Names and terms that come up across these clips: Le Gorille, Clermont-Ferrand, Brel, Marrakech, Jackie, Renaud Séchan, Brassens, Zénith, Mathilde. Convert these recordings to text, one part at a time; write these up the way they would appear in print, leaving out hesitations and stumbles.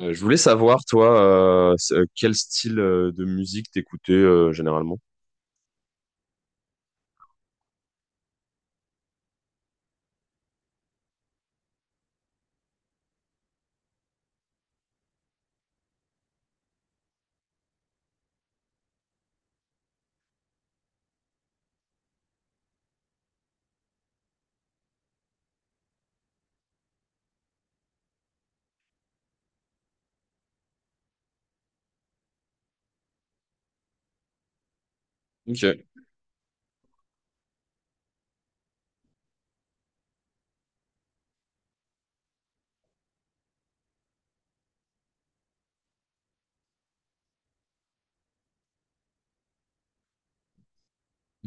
Je voulais savoir, toi, quel style de musique t'écoutais généralement? Ok.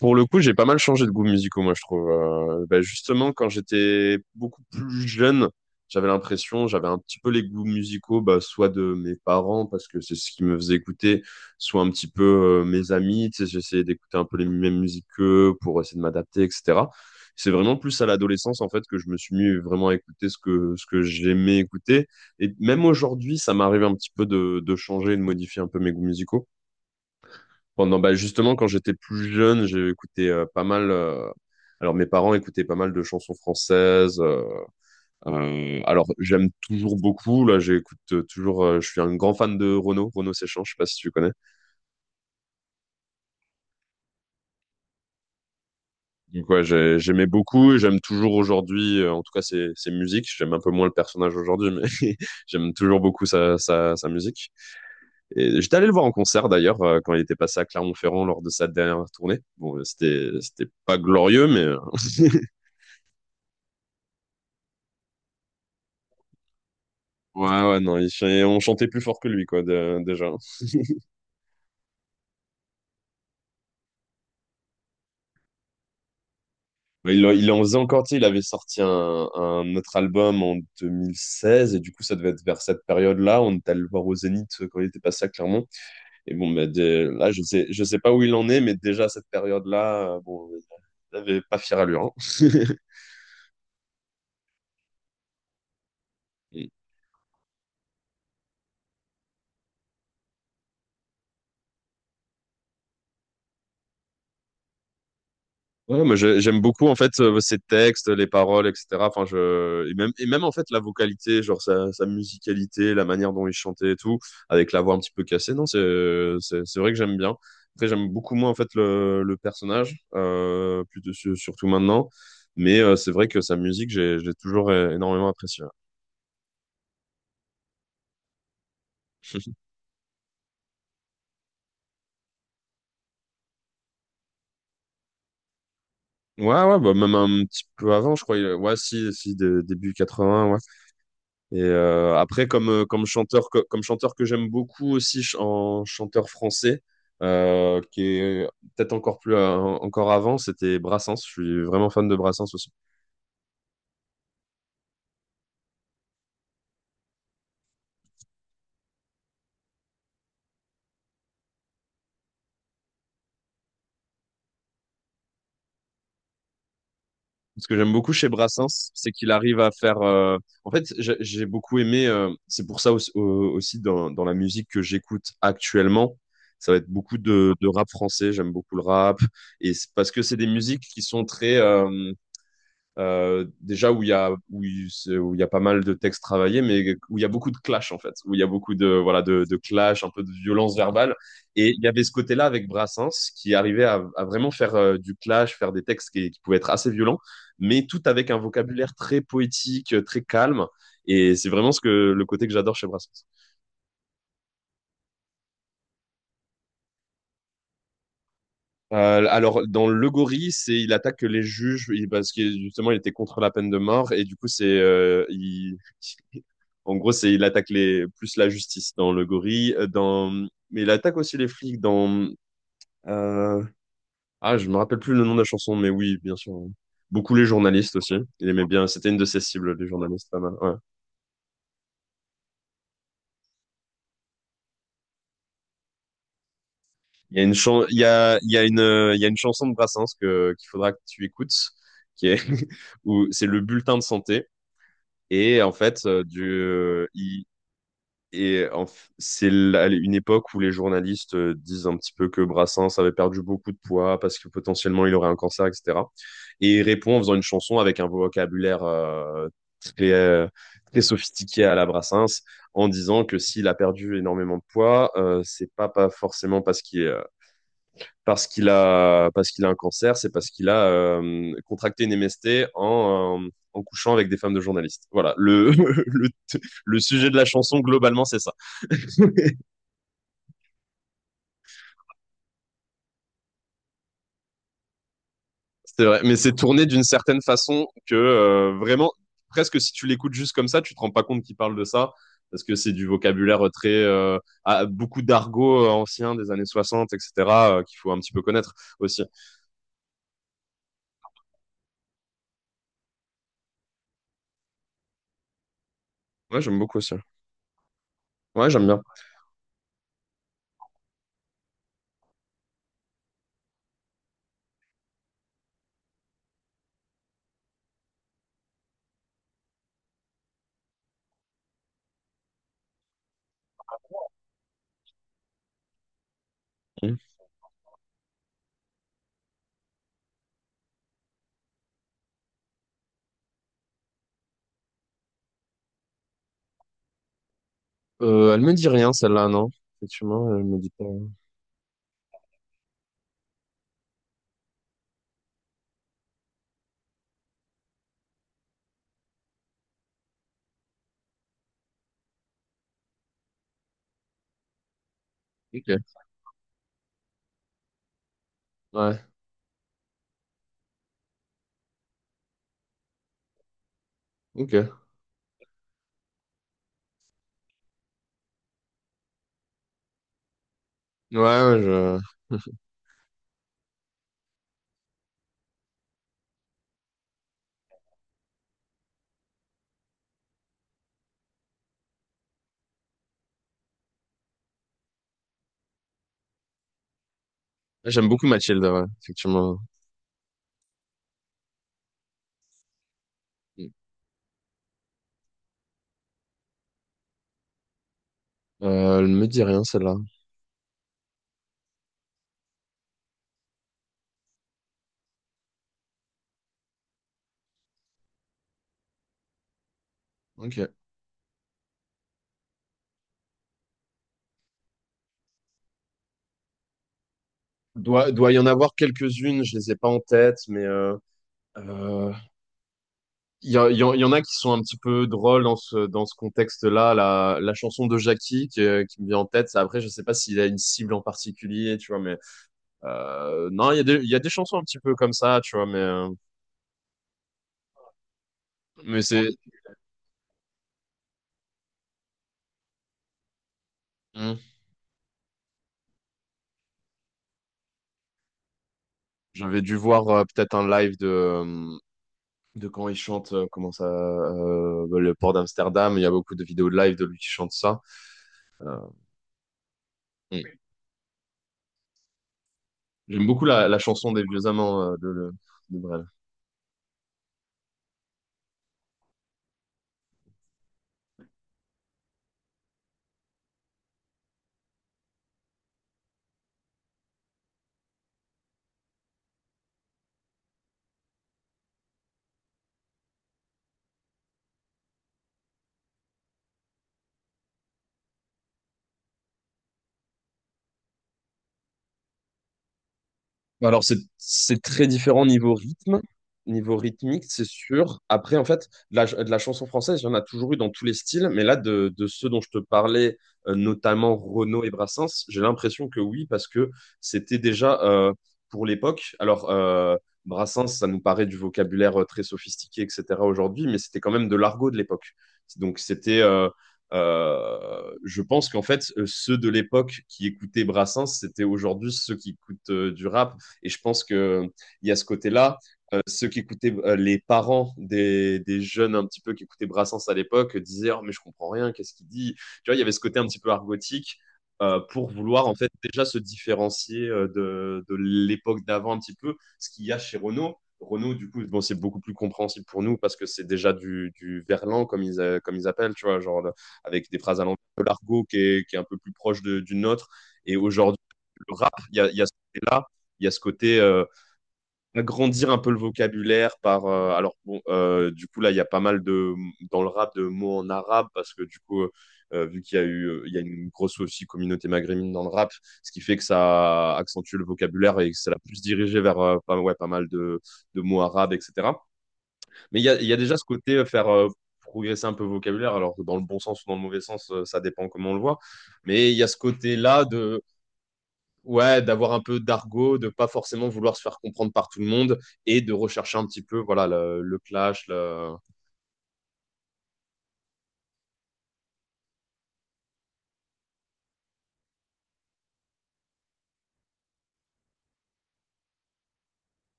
Pour le coup, j'ai pas mal changé de goût musicaux, moi, je trouve. Justement, quand j'étais beaucoup plus jeune, j'avais l'impression, j'avais un petit peu les goûts musicaux, bah, soit de mes parents, parce que c'est ce qui me faisait écouter, soit un petit peu mes amis, tu sais, j'essayais d'écouter un peu les mêmes musiques qu'eux pour essayer de m'adapter, etc. C'est vraiment plus à l'adolescence, en fait, que je me suis mis vraiment à écouter ce que j'aimais écouter. Et même aujourd'hui, ça m'arrive un petit peu de changer et de modifier un peu mes goûts musicaux. Pendant, bah, justement, quand j'étais plus jeune, j'ai écouté pas mal. Alors, mes parents écoutaient pas mal de chansons françaises. Alors, j'aime toujours beaucoup. Là, j'écoute toujours. Je suis un grand fan de Renaud, Renaud Séchan. Je sais pas si tu connais. Donc, ouais, j'aimais beaucoup. Et j'aime toujours aujourd'hui. En tout cas, ses musiques. J'aime un peu moins le personnage aujourd'hui, mais j'aime toujours beaucoup sa musique. Et j'étais allé le voir en concert d'ailleurs quand il était passé à Clermont-Ferrand lors de sa dernière tournée. Bon, c'était pas glorieux, mais Ouais, ouais, non, on chantait plus fort que lui, quoi, déjà. Mais il en faisait encore, tu sais, il avait sorti un autre album en 2016, et du coup, ça devait être vers cette période-là. On était allé le voir au Zénith quand il était passé à Clermont. Et bon, mais je sais pas où il en est, mais déjà à cette période-là, bon, il avait pas fière allure, hein. Ouais, moi j'aime beaucoup en fait ses textes, les paroles, etc. Enfin, je et même en fait la vocalité, genre sa musicalité, la manière dont il chantait et tout, avec la voix un petit peu cassée. Non, c'est vrai que j'aime bien. Après, j'aime beaucoup moins en fait le personnage, surtout maintenant. Mais c'est vrai que sa musique, j'ai toujours énormément apprécié. Ouais, ouais, bah même un petit peu avant, je crois. Ouais, si début vingts. Et après, comme chanteur, que j'aime beaucoup aussi en chanteur français, qui est peut-être encore plus encore avant, c'était Brassens. Je suis vraiment fan de Brassens aussi. Ce que j'aime beaucoup chez Brassens, c'est qu'il arrive à faire. En fait, j'ai beaucoup aimé. C'est pour ça aussi, aussi dans la musique que j'écoute actuellement, ça va être beaucoup de rap français. J'aime beaucoup le rap, et c'est parce que c'est des musiques qui sont très déjà où il y a pas mal de textes travaillés, mais où il y a beaucoup de clash en fait, où il y a beaucoup de voilà de clash, un peu de violence verbale. Et il y avait ce côté-là avec Brassens qui arrivait à vraiment faire du clash, faire des textes qui pouvaient être assez violents, mais tout avec un vocabulaire très poétique, très calme. Et c'est vraiment ce que le côté que j'adore chez Brassens. Alors, dans Le Gorille, c'est il attaque les juges parce que justement il était contre la peine de mort et du coup c'est en gros c'est il attaque les plus la justice dans Le Gorille dans mais il attaque aussi les flics dans euh, ah je me rappelle plus le nom de la chanson, mais oui bien sûr hein. Beaucoup les journalistes aussi, il aimait bien, c'était une de ses cibles les journalistes, pas mal ouais. Il y a une il y a une chanson de Brassens que qu'il faudra que tu écoutes qui est où c'est le bulletin de santé. Et en fait, du, il- et en f- c'est une époque où les journalistes disent un petit peu que Brassens avait perdu beaucoup de poids parce que potentiellement il aurait un cancer, etc. Et il répond en faisant une chanson avec un vocabulaire très, euh, très sophistiqué à la Brassens, en disant que s'il a perdu énormément de poids, c'est pas, pas forcément parce parce qu'il a un cancer, c'est parce qu'il a contracté une MST en, en couchant avec des femmes de journalistes. Voilà, le, le sujet de la chanson, globalement, c'est ça. C'est vrai, mais c'est tourné d'une certaine façon que vraiment, presque si tu l'écoutes juste comme ça, tu te rends pas compte qu'il parle de ça, parce que c'est du vocabulaire beaucoup d'argot ancien des années 60, etc., qu'il faut un petit peu connaître aussi. Ouais, j'aime beaucoup aussi. Ouais, j'aime bien. Elle me dit rien, celle-là, non? Effectivement, elle me dit pas. Ok. Ouais, ok. Ouais, ouais, je... J'aime beaucoup Mathilde, ouais, effectivement. Elle me dit rien, celle-là. Ok. Doit, doit y en avoir quelques-unes, je les ai pas en tête, mais euh, il y en a qui sont un petit peu drôles dans ce contexte-là. La chanson de Jackie qui me vient en tête, ça, après, je sais pas s'il a une cible en particulier, tu vois, mais non, il y a des chansons un petit peu comme ça, tu vois, mais c'est... Hmm. J'avais dû voir peut-être un live de quand il chante, le port d'Amsterdam. Il y a beaucoup de vidéos de live de lui qui chante ça. Euh, mm. J'aime beaucoup la chanson des vieux amants de Brel. Alors, c'est très différent niveau rythme, niveau rythmique, c'est sûr. Après, en fait, de la chanson française, il y en a toujours eu dans tous les styles, mais là, de ceux dont je te parlais, notamment Renaud et Brassens, j'ai l'impression que oui, parce que c'était déjà pour l'époque. Alors, Brassens, ça nous paraît du vocabulaire très sophistiqué, etc. aujourd'hui, mais c'était quand même de l'argot de l'époque. Donc, c'était. Je pense qu'en fait, ceux de l'époque qui écoutaient Brassens, c'était aujourd'hui ceux qui écoutent du rap, et je pense qu'il y a ce côté-là. Ceux qui écoutaient, les parents jeunes un petit peu qui écoutaient Brassens à l'époque disaient oh, mais je comprends rien, qu'est-ce qu'il dit. Tu vois, il y avait ce côté un petit peu argotique, pour vouloir en fait déjà se différencier de l'époque d'avant un petit peu, ce qu'il y a chez Renaud du coup, bon, c'est beaucoup plus compréhensible pour nous parce que c'est déjà du verlan, comme ils appellent, tu vois, genre le, avec des phrases à l'envers de l'argot qui est un peu plus proche du nôtre. Et aujourd'hui, le rap, il y a ce côté-là, il y a ce côté agrandir un peu le vocabulaire par du coup là il y a pas mal de dans le rap de mots en arabe parce que du coup vu qu'il y a eu il y a une grosse aussi communauté maghrébine dans le rap, ce qui fait que ça accentue le vocabulaire et que ça l'a plus dirigé vers pas, ouais, pas mal de mots arabes, etc. Mais il y a déjà ce côté faire progresser un peu le vocabulaire, alors que dans le bon sens ou dans le mauvais sens ça dépend comment on le voit, mais il y a ce côté là de ouais, d'avoir un peu d'argot, de pas forcément vouloir se faire comprendre par tout le monde et de rechercher un petit peu voilà le clash, le-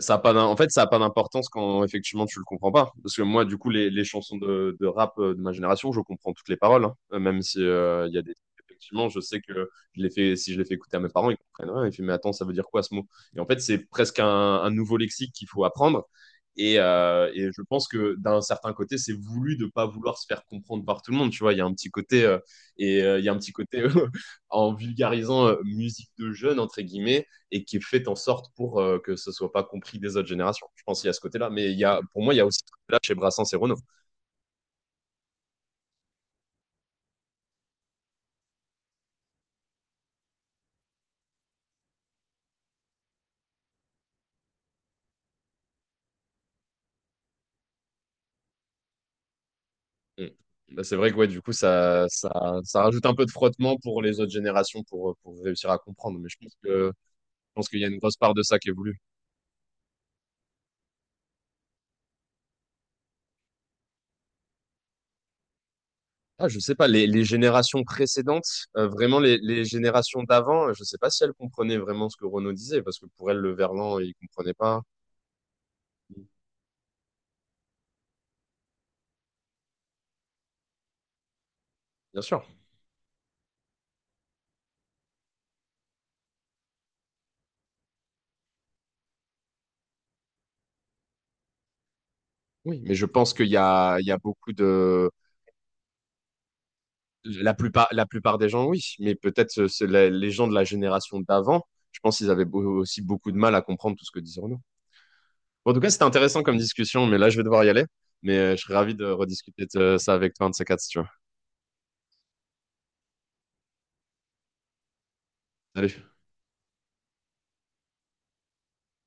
Ça a pas d'im- En fait, ça n'a pas d'importance quand effectivement tu le comprends pas. Parce que moi, du coup, les chansons de rap de ma génération, je comprends toutes les paroles. Hein. Même si il y a des effectivement, je sais que si je les fais écouter à mes parents, ils comprennent rien. Ils font, mais attends, ça veut dire quoi ce mot? Et en fait, c'est presque un nouveau lexique qu'il faut apprendre. Et je pense que d'un certain côté, c'est voulu de pas vouloir se faire comprendre par tout le monde. Tu vois, il y a un petit côté il y a un petit côté en vulgarisant musique de jeunes entre guillemets et qui est faite en sorte pour que ce ne soit pas compris des autres générations. Je pense qu'il y a ce côté-là, mais pour moi, il y a aussi là chez Brassens et Renaud. Mm. Bah, c'est vrai que ouais, du coup, ça rajoute un peu de frottement pour les autres générations pour réussir à comprendre. Mais je pense qu'il y a une grosse part de ça qui est voulu. Ah, je sais pas, les générations précédentes, vraiment les générations d'avant, je sais pas si elles comprenaient vraiment ce que Renaud disait, parce que pour elles, le Verlan, il comprenait pas. Bien sûr. Oui, mais je pense qu'il y a, il y a beaucoup de, la plupart, la plupart des gens, oui, mais peut-être les gens de la génération d'avant, je pense qu'ils avaient aussi beaucoup de mal à comprendre tout ce que disait Renaud. Bon, en tout cas, c'était intéressant comme discussion, mais là, je vais devoir y aller. Mais je serais ravi de rediscuter de ça avec toi, un de ces quatre, si tu veux. Salut.